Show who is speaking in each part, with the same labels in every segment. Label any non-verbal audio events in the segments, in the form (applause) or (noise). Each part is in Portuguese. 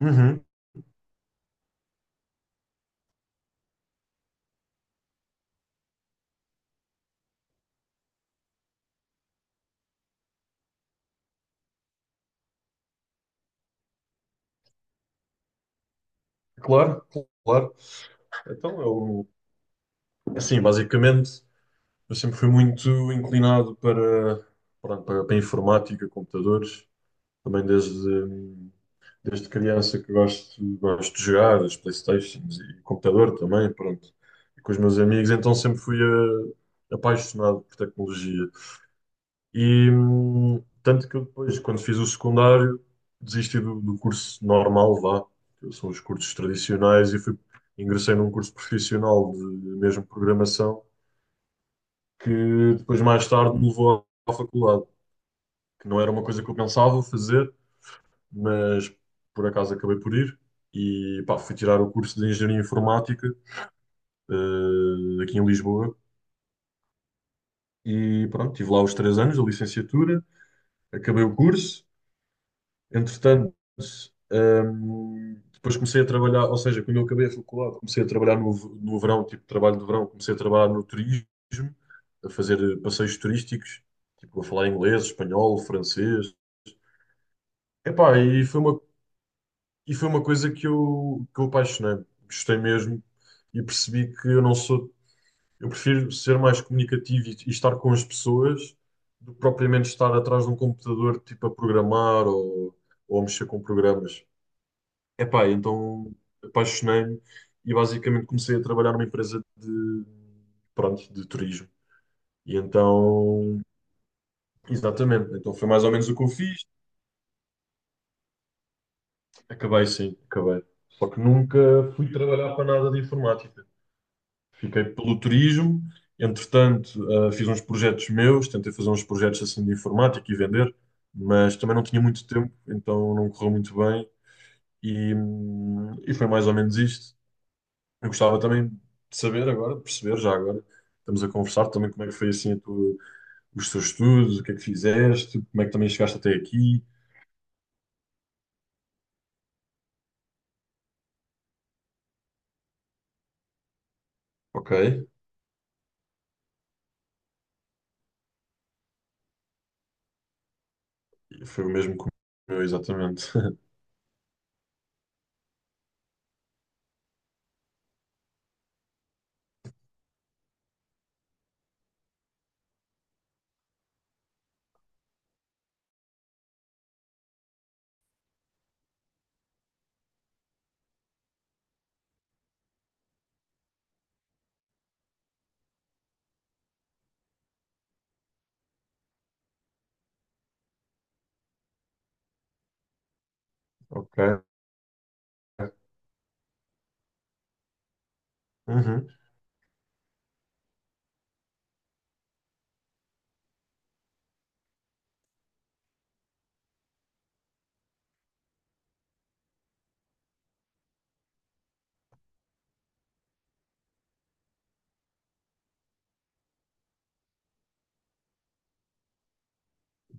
Speaker 1: Uhum, claro, claro. Então, eu, assim, basicamente, eu sempre fui muito inclinado pronto, para informática, computadores, também desde criança que gosto de jogar, as PlayStations e computador também, pronto, e com os meus amigos, então sempre fui apaixonado por tecnologia. E tanto que eu depois, quando fiz o secundário, desisti do curso normal, vá, que são os cursos tradicionais, ingressei num curso profissional de mesmo programação, que depois, mais tarde, me levou à faculdade, que não era uma coisa que eu pensava fazer, mas por acaso acabei por ir. E pá, fui tirar o curso de Engenharia Informática, aqui em Lisboa, e pronto, tive lá os três anos da licenciatura, acabei o curso. Entretanto, depois comecei a trabalhar, ou seja, quando eu acabei a faculdade, comecei a trabalhar no verão, tipo trabalho de verão, comecei a trabalhar no turismo, a fazer passeios turísticos, tipo a falar inglês, espanhol, francês. Epá, e foi uma coisa que eu apaixonei, gostei mesmo e percebi que eu não sou, eu prefiro ser mais comunicativo e estar com as pessoas do que propriamente estar atrás de um computador, tipo a programar ou a mexer com programas. Epá, então apaixonei-me e basicamente comecei a trabalhar numa empresa de, pronto, de turismo. E então, exatamente, então foi mais ou menos o que eu fiz. Acabei sim, acabei. Só que nunca fui trabalhar para nada de informática. Fiquei pelo turismo, entretanto, ah, fiz uns projetos meus, tentei fazer uns projetos assim de informática e vender, mas também não tinha muito tempo, então não correu muito bem. E, e foi mais ou menos isto. Eu gostava também de saber agora, de perceber já agora, estamos a conversar também como é que foi assim a os teus estudos, o que é que fizeste, como é que também chegaste até aqui. Ok. E foi o mesmo que o meu, exatamente. (laughs) Ok. Uhum.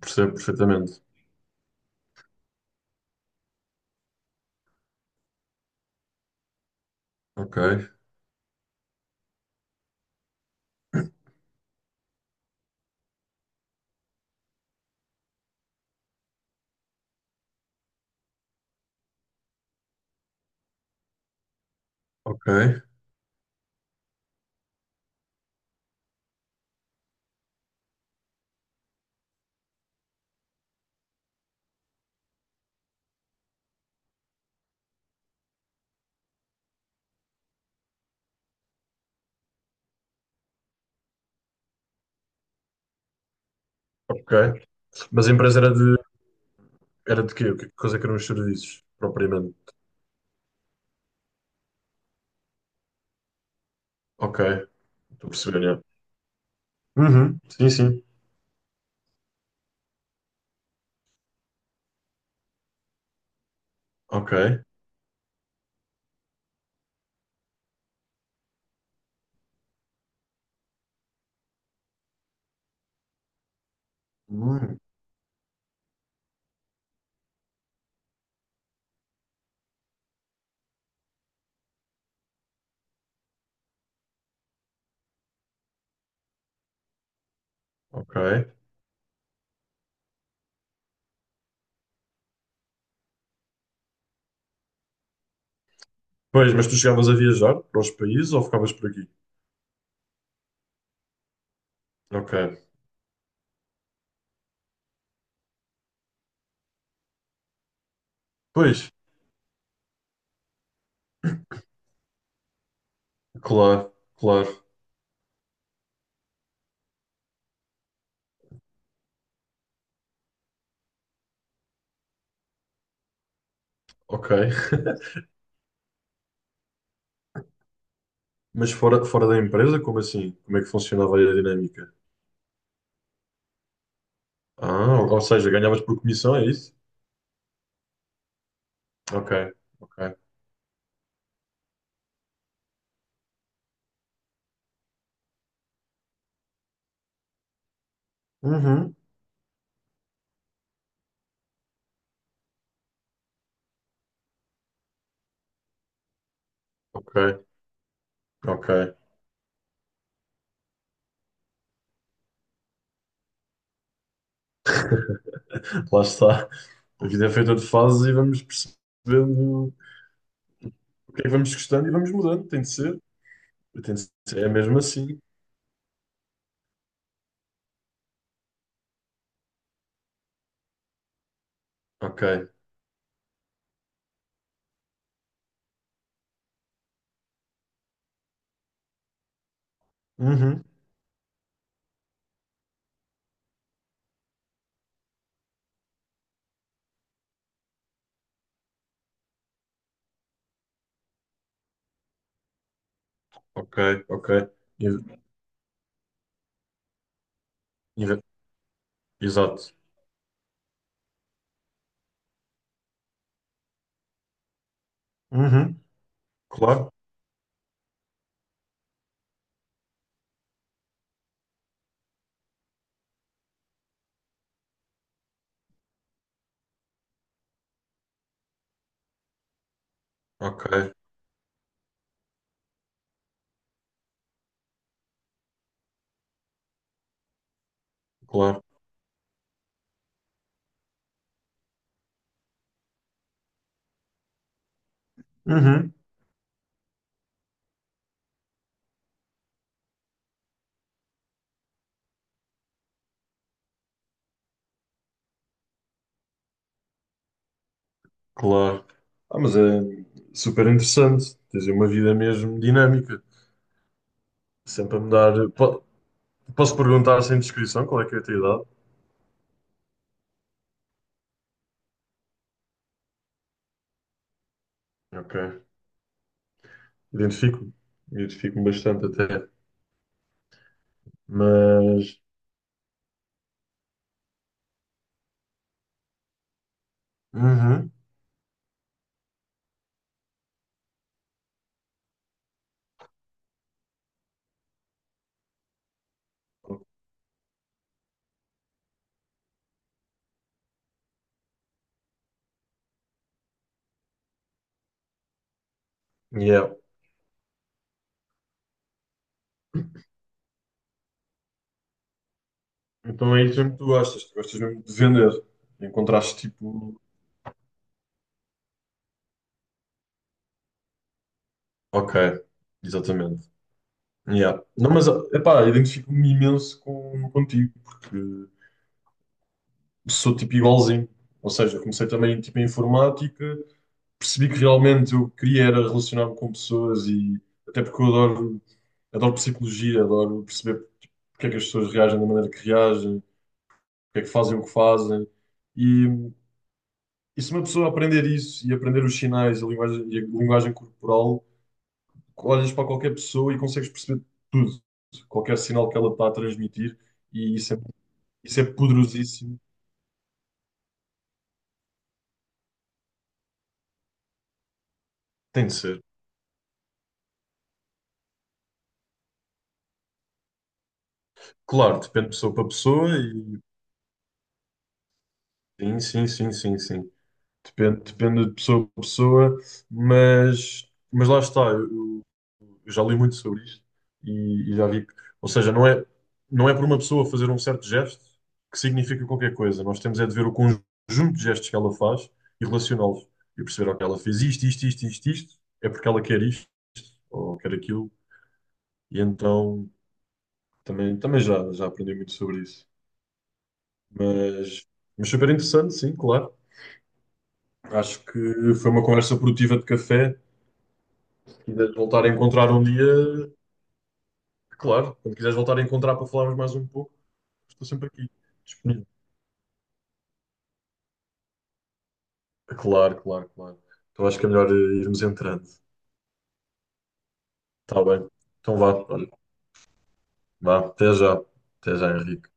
Speaker 1: Percebo perfeitamente. Ok, ok, ok. Mas a empresa era de quê? O que coisa que eram os serviços, propriamente? Ok, estou a perceber, já. Uhum. Sim, sim. Ok. Hum, ok. Pois, mas tu chegavas a viajar para os países ou ficavas por aqui? Ok. Pois, claro, claro, ok. (laughs) Mas fora, fora da empresa, como assim? Como é que funcionava aí a dinâmica? Ah, ou seja, ganhavas por comissão, é isso? Ok, ok. Uhum. Ok, ok. Lá está. A vida é feita de fases e vamos percebendo o que é que vamos gostando e vamos mudando. Tem de ser. Tem de ser. É mesmo assim. Ok. Uhum. Ok, ok. In- in- Exato. Uhum. Claro. Ok, claro. Uhum. Claro. Ah, mas é super interessante. Tens uma vida mesmo dinâmica. Sempre a mudar. Posso perguntar sem descrição qual é que é a tua idade? Ok. Identifico-me. Identifico-me bastante até. Mas. Uhum. Yeah. Então é isso mesmo que tu gostas. Tu gostas mesmo de vender. Encontraste tipo. Ok. Exatamente. Yeah. Não, mas epá, identifico-me imenso contigo, porque sou tipo igualzinho. Ou seja, comecei também tipo, em informática. Percebi que realmente eu queria era relacionar-me com pessoas e até porque eu adoro psicologia, adoro perceber porque é que as pessoas reagem da maneira que reagem, porque é que fazem o que fazem. E, e se uma pessoa aprender isso e aprender os sinais, a linguagem, e a linguagem corporal, olhas para qualquer pessoa e consegues perceber tudo, qualquer sinal que ela está a transmitir, e isso é, isso é poderosíssimo. Tem de ser. Claro, depende de pessoa para pessoa e sim, sim, sim, sim, sim. Depende, depende de pessoa para pessoa, mas lá está, eu já li muito sobre isto e já vi que, ou seja, não é por uma pessoa fazer um certo gesto que significa qualquer coisa. Nós temos é de ver o conjunto de gestos que ela faz e relacioná-los e perceber, ok, ela fez isto, isto, isto, isto, isto, é porque ela quer isto ou quer aquilo, e então também, também já, já aprendi muito sobre isso. Mas, mas super interessante, sim, claro. Acho que foi uma conversa produtiva de café quiseres voltar a encontrar um dia, claro, quando quiseres voltar a encontrar para falarmos mais um pouco, estou sempre aqui, disponível. Claro, claro, claro. Então acho que é melhor irmos entrando. Está bem. Então vá, olha, vá, até já. Até já, Henrique.